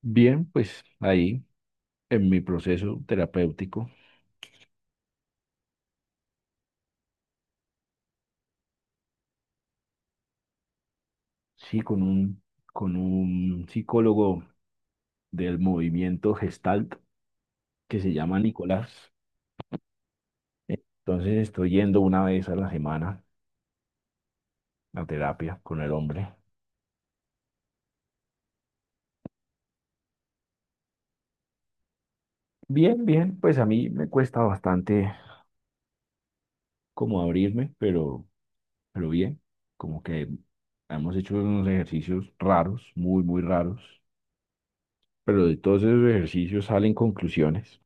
Bien, pues ahí en mi proceso terapéutico, sí, con un psicólogo del movimiento Gestalt que se llama Nicolás. Entonces estoy yendo una vez a la semana a terapia con el hombre. Bien, bien, pues a mí me cuesta bastante como abrirme, pero bien, como que hemos hecho unos ejercicios raros, muy raros, pero de todos esos ejercicios salen conclusiones.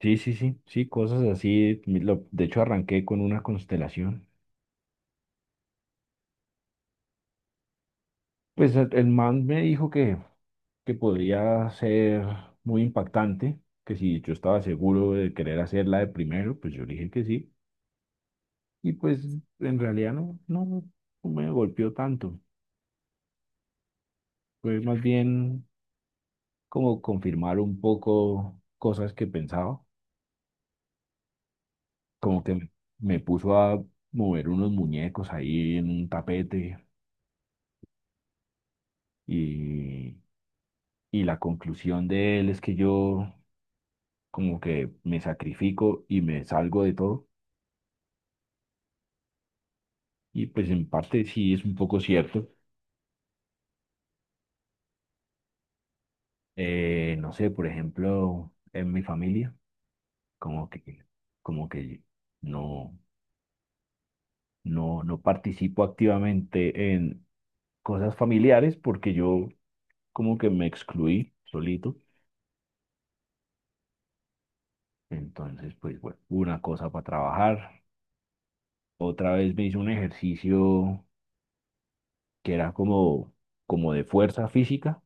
Sí, sí, sí, sí, cosas así. De hecho, arranqué con una constelación. Pues el man me dijo que podría ser muy impactante, que si yo estaba seguro de querer hacerla de primero, pues yo le dije que sí. Y pues en realidad no me golpeó tanto. Fue más bien como confirmar un poco cosas que pensaba, como que me, me puso a mover unos muñecos ahí en un tapete y Y la conclusión de él es que yo como que me sacrifico y me salgo de todo. Y pues en parte sí es un poco cierto. No sé, por ejemplo, en mi familia, como que, como que no, no participo activamente en cosas familiares porque yo como que me excluí solito. Entonces, pues bueno, una cosa para trabajar. Otra vez me hice un ejercicio que era como de fuerza física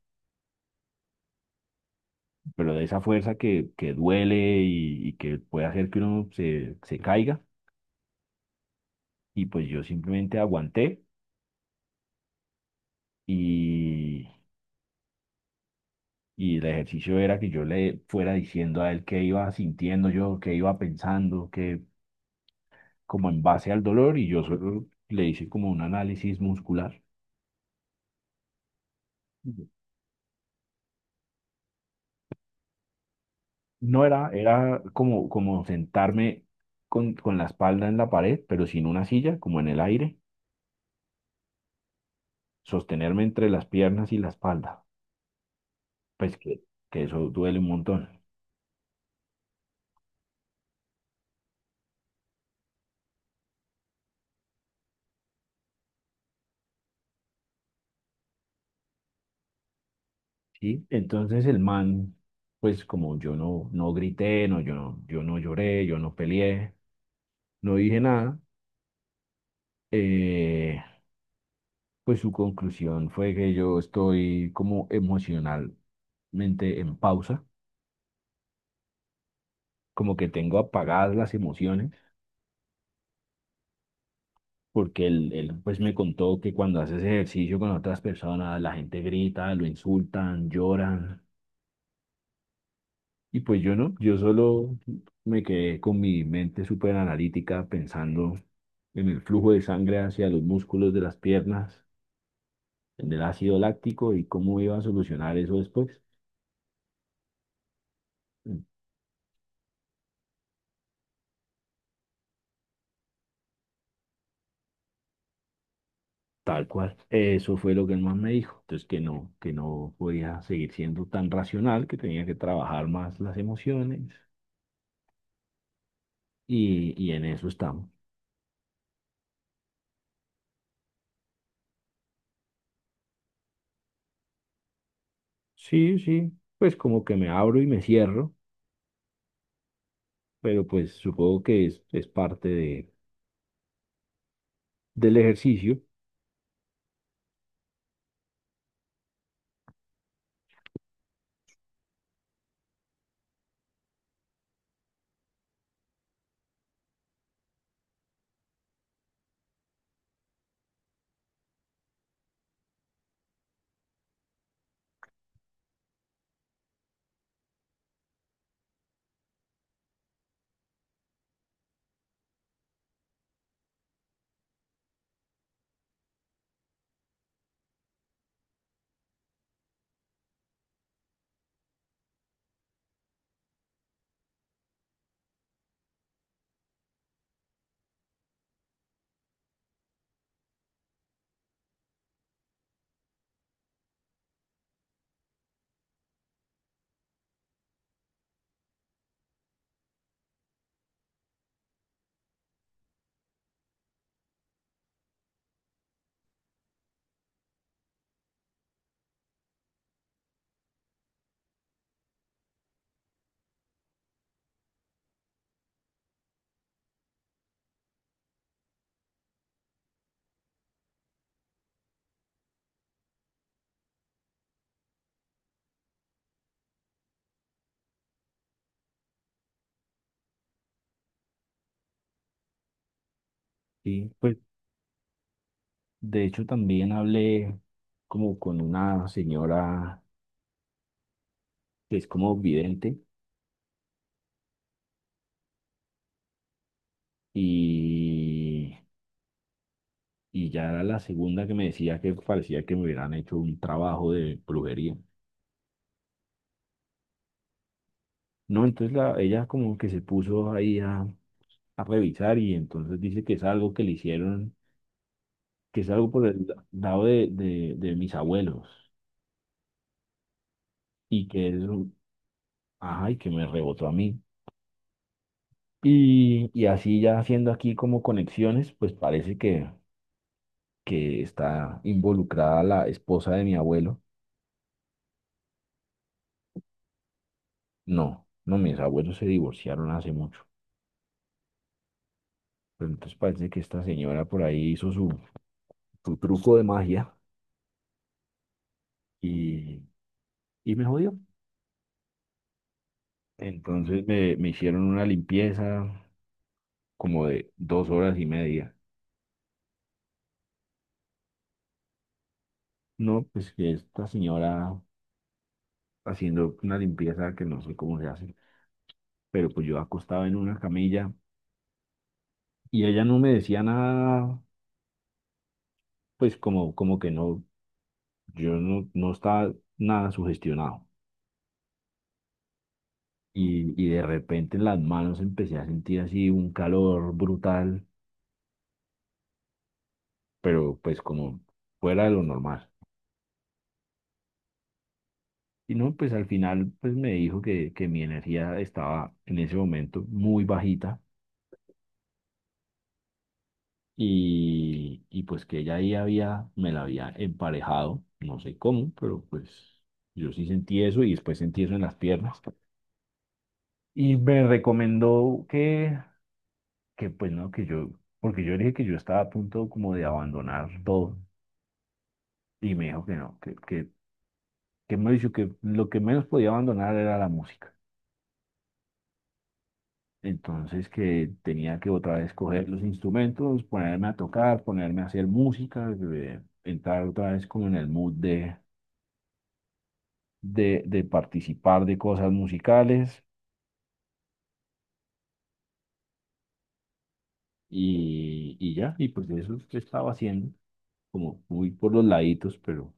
pero de esa fuerza que duele y que puede hacer que uno se caiga. Y pues yo simplemente aguanté y, y el ejercicio era que yo le fuera diciendo a él qué iba sintiendo yo, qué iba pensando, que como en base al dolor y yo solo le hice como un análisis muscular. No era, era como sentarme con la espalda en la pared, pero sin una silla, como en el aire, sostenerme entre las piernas y la espalda. pues que, que eso duele un montón, ¿sí? Entonces el man, pues como yo no grité, no, yo no lloré, yo no peleé, no dije nada, eh, pues su conclusión fue que yo estoy como emocionalmente en pausa, como que tengo apagadas las emociones. Porque él pues me contó que cuando haces ejercicio con otras personas, la gente grita, lo insultan, lloran, y pues yo no, yo solo me quedé con mi mente súper analítica pensando en el flujo de sangre hacia los músculos de las piernas, en el ácido láctico y cómo iba a solucionar eso después. Tal cual. Eso fue lo que el man me dijo. Entonces que no podía seguir siendo tan racional, que tenía que trabajar más las emociones y en eso estamos. Sí, sí, pues como que me abro y me cierro, pero pues supongo es parte del ejercicio. Sí, pues de hecho, también hablé como con una señora que es como vidente y, y ya era la segunda que me decía que parecía que me hubieran hecho un trabajo de brujería. No, entonces ella como que se puso ahí a revisar y entonces dice que es algo que le hicieron, que es algo por el lado de mis abuelos y ajá, y que me rebotó a mí. Y así ya haciendo aquí como conexiones, pues parece que está involucrada la esposa de mi abuelo. No, no, mis abuelos se divorciaron hace mucho. Pero entonces parece que esta señora por ahí hizo su truco de magia y, y me jodió. Entonces me hicieron una limpieza como de 2 horas y media. No, pues que esta señora haciendo una limpieza que no sé cómo se hace, pero pues yo acostaba en una camilla y ella no me decía nada, pues como que no. Yo no estaba nada sugestionado. Y de repente en las manos empecé a sentir así un calor brutal, pero pues como fuera de lo normal. Y no, pues al final pues me dijo que mi energía estaba en ese momento muy bajita y pues que ella ahí había, me la había emparejado, no sé cómo, pero pues yo sí sentí eso y después sentí eso en las piernas. Y me recomendó que pues no, que yo, porque yo le dije que yo estaba a punto como de abandonar todo y me dijo que no, que me dijo que lo que menos podía abandonar era la música. Entonces que tenía que otra vez coger los instrumentos, ponerme a tocar, ponerme a hacer música, entrar otra vez como en el mood de participar de cosas musicales y ya, y pues eso es que estaba haciendo, como muy por los laditos,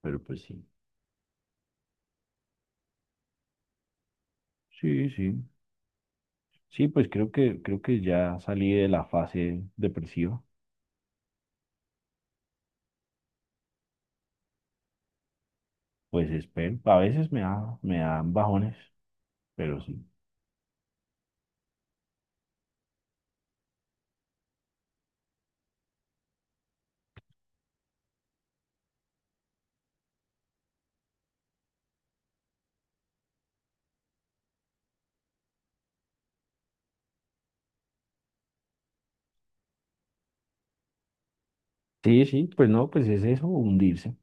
pero pues sí, sí, sí. Sí, pues creo que ya salí de la fase depresiva. Pues espero. A veces me da, me dan bajones, pero sí. Sí, sí, pues no, pues es eso, hundirse.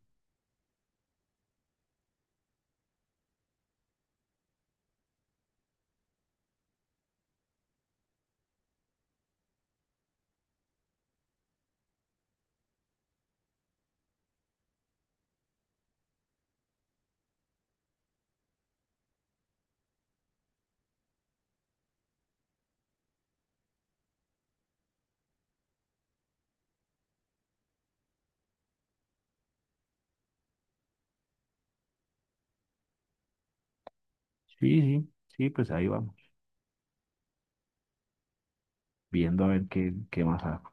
Sí, sí, sí, pues ahí vamos, viendo a ver qué más hago.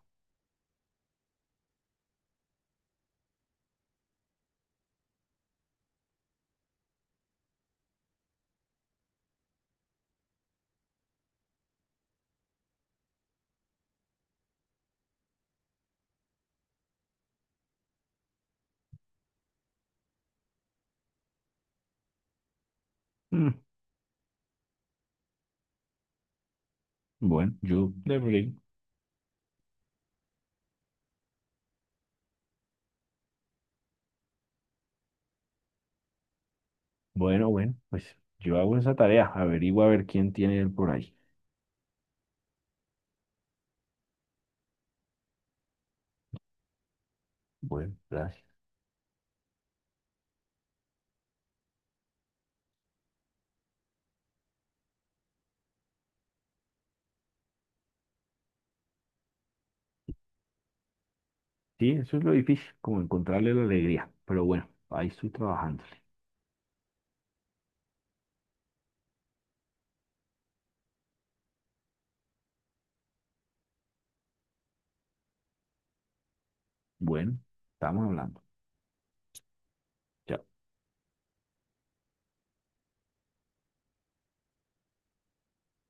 Mm, bueno, yo de bueno, bueno, pues yo hago esa tarea, averiguo a ver quién tiene él por ahí. Bueno, gracias. Sí, eso es lo difícil, como encontrarle la alegría. Pero bueno, ahí estoy trabajándole. Bueno, estamos hablando. Chao.